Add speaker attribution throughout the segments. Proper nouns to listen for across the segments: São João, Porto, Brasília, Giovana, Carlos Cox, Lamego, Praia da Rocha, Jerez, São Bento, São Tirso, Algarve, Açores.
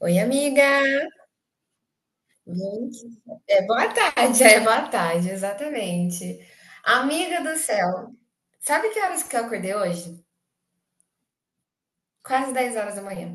Speaker 1: Oi, amiga! Gente, é boa tarde, é boa tarde, exatamente. Amiga do céu, sabe que horas que eu acordei hoje? Quase 10 horas da manhã.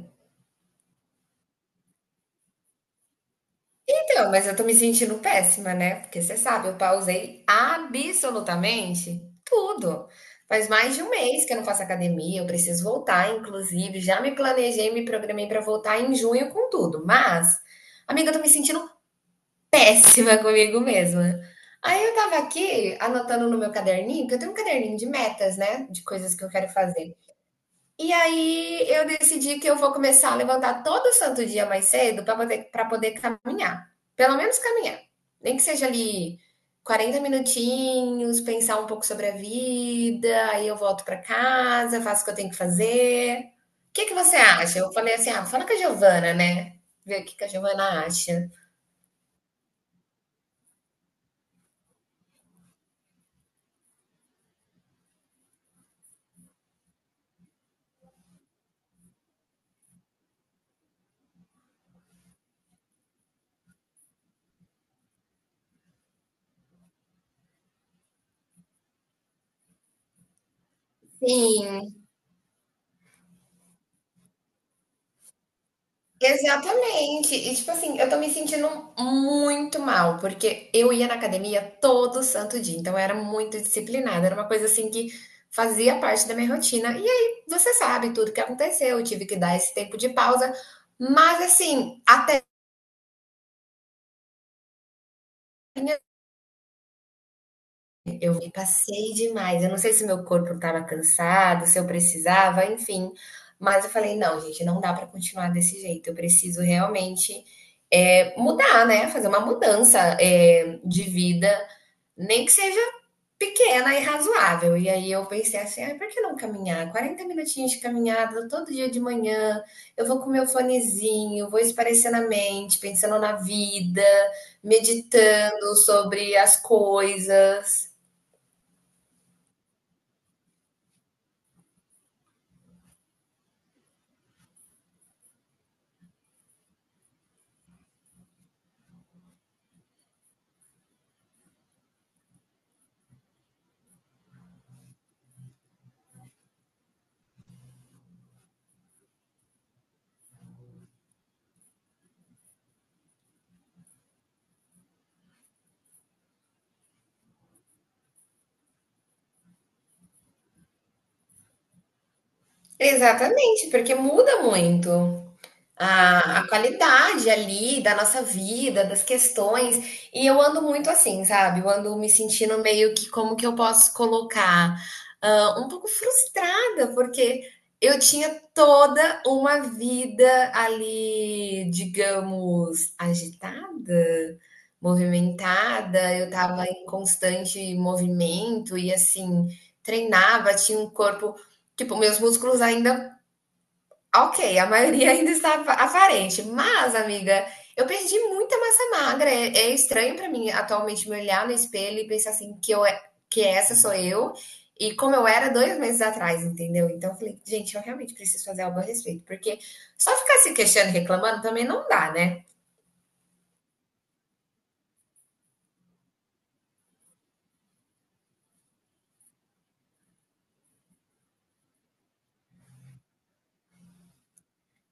Speaker 1: Então, mas eu tô me sentindo péssima, né? Porque você sabe, eu pausei absolutamente tudo. Faz mais de um mês que eu não faço academia, eu preciso voltar, inclusive. Já me planejei, me programei pra voltar em junho com tudo. Mas, amiga, eu tô me sentindo péssima comigo mesma. Aí eu estava aqui anotando no meu caderninho, que eu tenho um caderninho de metas, né, de coisas que eu quero fazer. E aí eu decidi que eu vou começar a levantar todo santo dia mais cedo para poder caminhar. Pelo menos caminhar. Nem que seja ali 40 minutinhos, pensar um pouco sobre a vida, aí eu volto para casa, faço o que eu tenho que fazer. O que que você acha? Eu falei assim: ah, fala com a Giovana, né? Ver o que que a Giovana acha. Sim, exatamente. E tipo assim, eu tô me sentindo muito mal, porque eu ia na academia todo santo dia, então eu era muito disciplinada, era uma coisa assim que fazia parte da minha rotina. E aí, você sabe tudo que aconteceu, eu tive que dar esse tempo de pausa, mas assim, até eu me passei demais. Eu não sei se meu corpo estava cansado, se eu precisava, enfim. Mas eu falei: "Não, gente, não dá para continuar desse jeito. Eu preciso realmente, mudar, né, fazer uma mudança, de vida, nem que seja pequena e razoável". E aí eu pensei assim: "Ai, por que não caminhar? 40 minutinhos de caminhada todo dia de manhã. Eu vou com meu fonezinho, vou esparecendo a mente, pensando na vida, meditando sobre as coisas". Exatamente, porque muda muito a qualidade ali da nossa vida, das questões. E eu ando muito assim, sabe? Eu ando me sentindo meio que como que eu posso colocar, ah, um pouco frustrada, porque eu tinha toda uma vida ali, digamos, agitada, movimentada, eu estava em constante movimento e assim, treinava, tinha um corpo. Tipo, meus músculos ainda, ok, a maioria ainda está aparente, mas, amiga, eu perdi muita massa magra. É, é estranho para mim atualmente me olhar no espelho e pensar assim que essa sou eu e como eu era 2 meses atrás, entendeu? Então eu falei, gente, eu realmente preciso fazer algo a respeito, porque só ficar se queixando e reclamando também não dá, né?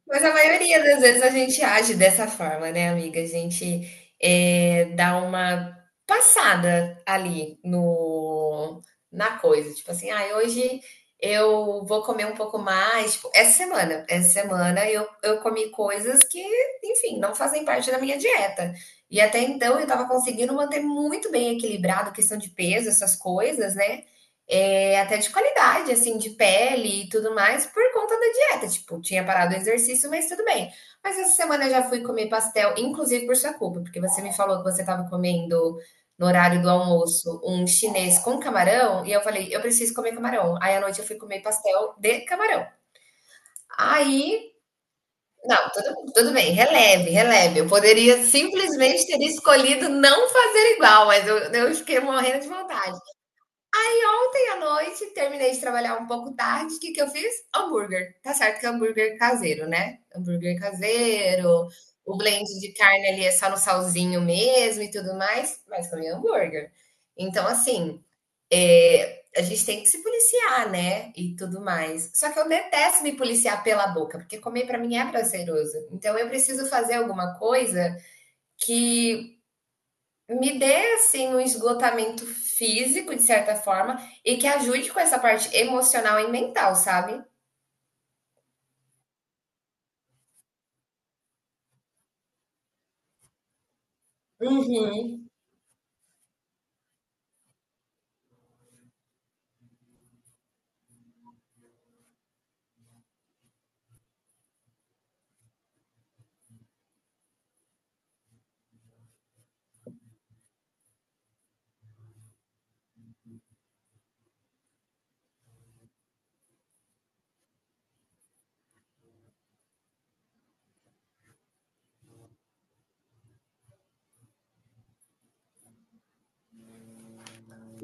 Speaker 1: Mas a maioria das vezes a gente age dessa forma, né, amiga? A gente dá uma passada ali no, na coisa. Tipo assim, ah, hoje eu vou comer um pouco mais. Tipo, essa semana eu comi coisas que, enfim, não fazem parte da minha dieta. E até então eu estava conseguindo manter muito bem equilibrado, questão de peso, essas coisas, né? É, até de qualidade, assim, de pele e tudo mais, por conta da dieta. Tipo, tinha parado o exercício, mas tudo bem. Mas essa semana eu já fui comer pastel, inclusive por sua culpa, porque você me falou que você estava comendo no horário do almoço um chinês com camarão, e eu falei, eu preciso comer camarão. Aí à noite eu fui comer pastel de camarão. Aí, não, tudo, tudo bem, releve, releve. Eu poderia simplesmente ter escolhido não fazer igual, mas eu fiquei morrendo de vontade. E ontem à noite terminei de trabalhar um pouco tarde. O que que eu fiz? Hambúrguer. Tá certo que é hambúrguer caseiro, né? Hambúrguer caseiro, o blend de carne ali é só no salzinho mesmo e tudo mais, mas comi hambúrguer. Então, assim, a gente tem que se policiar, né? E tudo mais. Só que eu detesto me policiar pela boca, porque comer pra mim é prazeroso. Então, eu preciso fazer alguma coisa que me dê, assim, um esgotamento físico, de certa forma, e que ajude com essa parte emocional e mental, sabe? Uhum.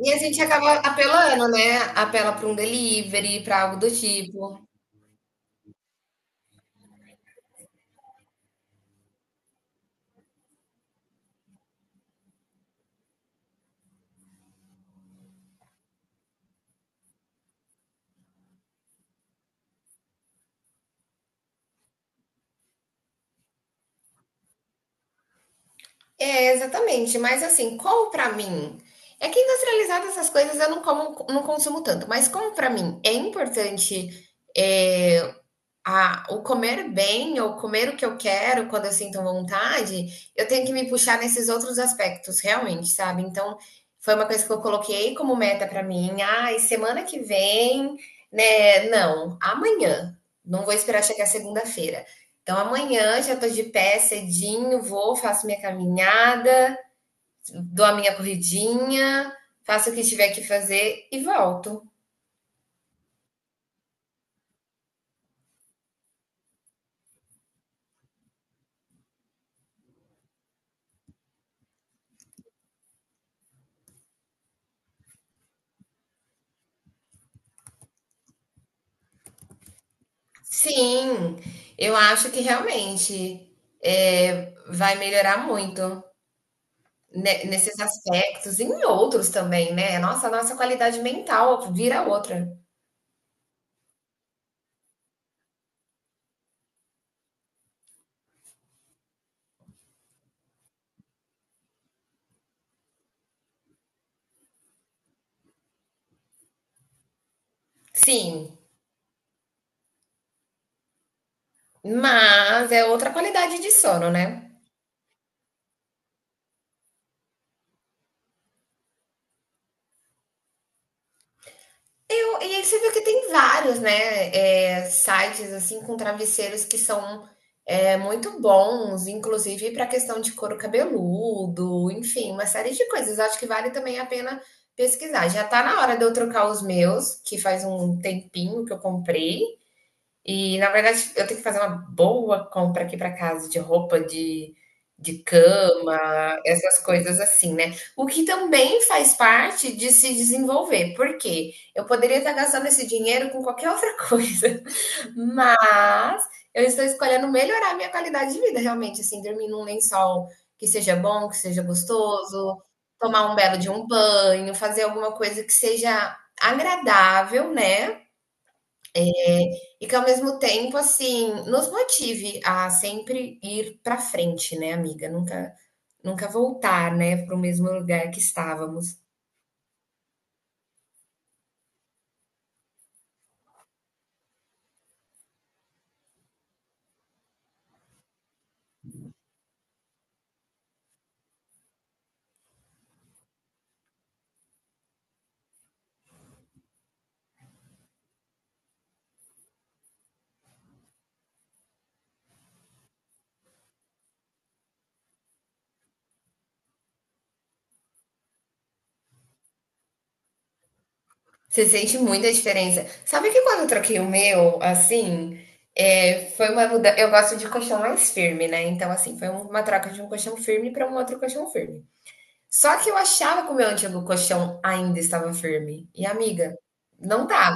Speaker 1: E a gente acaba apelando, né? Apela para um delivery, para algo do tipo. É, exatamente. Mas assim, como para mim, é que industrializado essas coisas eu não como, não consumo tanto. Mas como para mim é importante, é, ah, o comer bem ou comer o que eu quero quando eu sinto vontade, eu tenho que me puxar nesses outros aspectos, realmente, sabe? Então, foi uma coisa que eu coloquei como meta para mim. Ai, semana que vem, né? Não, amanhã. Não vou esperar chegar segunda-feira. Então, amanhã já tô de pé cedinho, vou, faço minha caminhada, dou a minha corridinha, faço o que tiver que fazer e volto. Sim, eu acho que realmente, vai melhorar muito, ne nesses aspectos e em outros também, né. Nossa, a nossa qualidade mental vira outra. Sim, mas é outra qualidade de sono, né. Eu, e aí você viu que tem vários, né, sites assim com travesseiros que são muito bons, inclusive para questão de couro cabeludo, enfim, uma série de coisas. Acho que vale também a pena pesquisar. Já tá na hora de eu trocar os meus, que faz um tempinho que eu comprei. E, na verdade, eu tenho que fazer uma boa compra aqui para casa de roupa de cama, essas coisas assim, né. O que também faz parte de se desenvolver, porque eu poderia estar gastando esse dinheiro com qualquer outra coisa, mas eu estou escolhendo melhorar minha qualidade de vida, realmente, assim, dormir num lençol que seja bom, que seja gostoso, tomar um belo de um banho, fazer alguma coisa que seja agradável, né, e que ao mesmo tempo, assim, nos motive a sempre ir para frente, né, amiga? Nunca, nunca voltar, né, para o mesmo lugar que estávamos. Você sente muita diferença. Sabe que quando eu troquei o meu, assim, é, foi uma mudança. Eu gosto de colchão mais firme, né? Então, assim, foi um, uma troca de um colchão firme para um outro colchão firme. Só que eu achava que o meu antigo colchão ainda estava firme. E, amiga, não tá.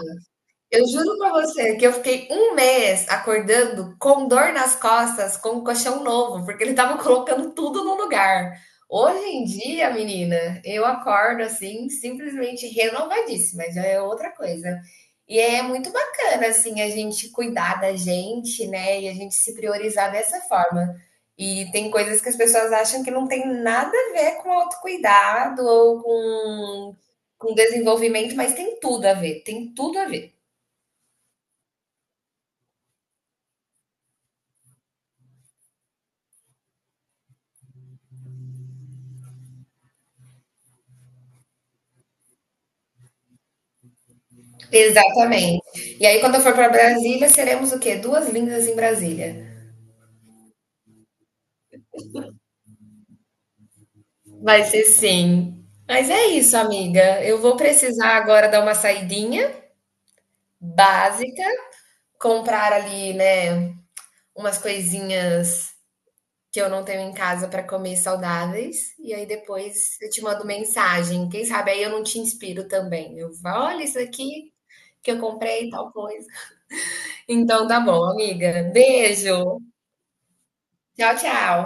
Speaker 1: Eu juro pra você que eu fiquei um mês acordando com dor nas costas, com um colchão novo, porque ele estava colocando tudo no lugar. Hoje em dia, menina, eu acordo assim, simplesmente renovadíssima, já é outra coisa. E é muito bacana, assim, a gente cuidar da gente, né? E a gente se priorizar dessa forma. E tem coisas que as pessoas acham que não tem nada a ver com autocuidado ou com desenvolvimento, mas tem tudo a ver, tem tudo a ver. Exatamente. E aí, quando eu for para Brasília, seremos o quê? Duas lindas em Brasília. Vai ser sim. Mas é isso, amiga. Eu vou precisar agora dar uma saidinha básica, comprar ali, né, umas coisinhas que eu não tenho em casa para comer saudáveis. E aí depois eu te mando mensagem. Quem sabe aí eu não te inspiro também. Eu falo, olha isso aqui que eu comprei, e tal coisa. Então tá bom, amiga. Beijo. Tchau, tchau.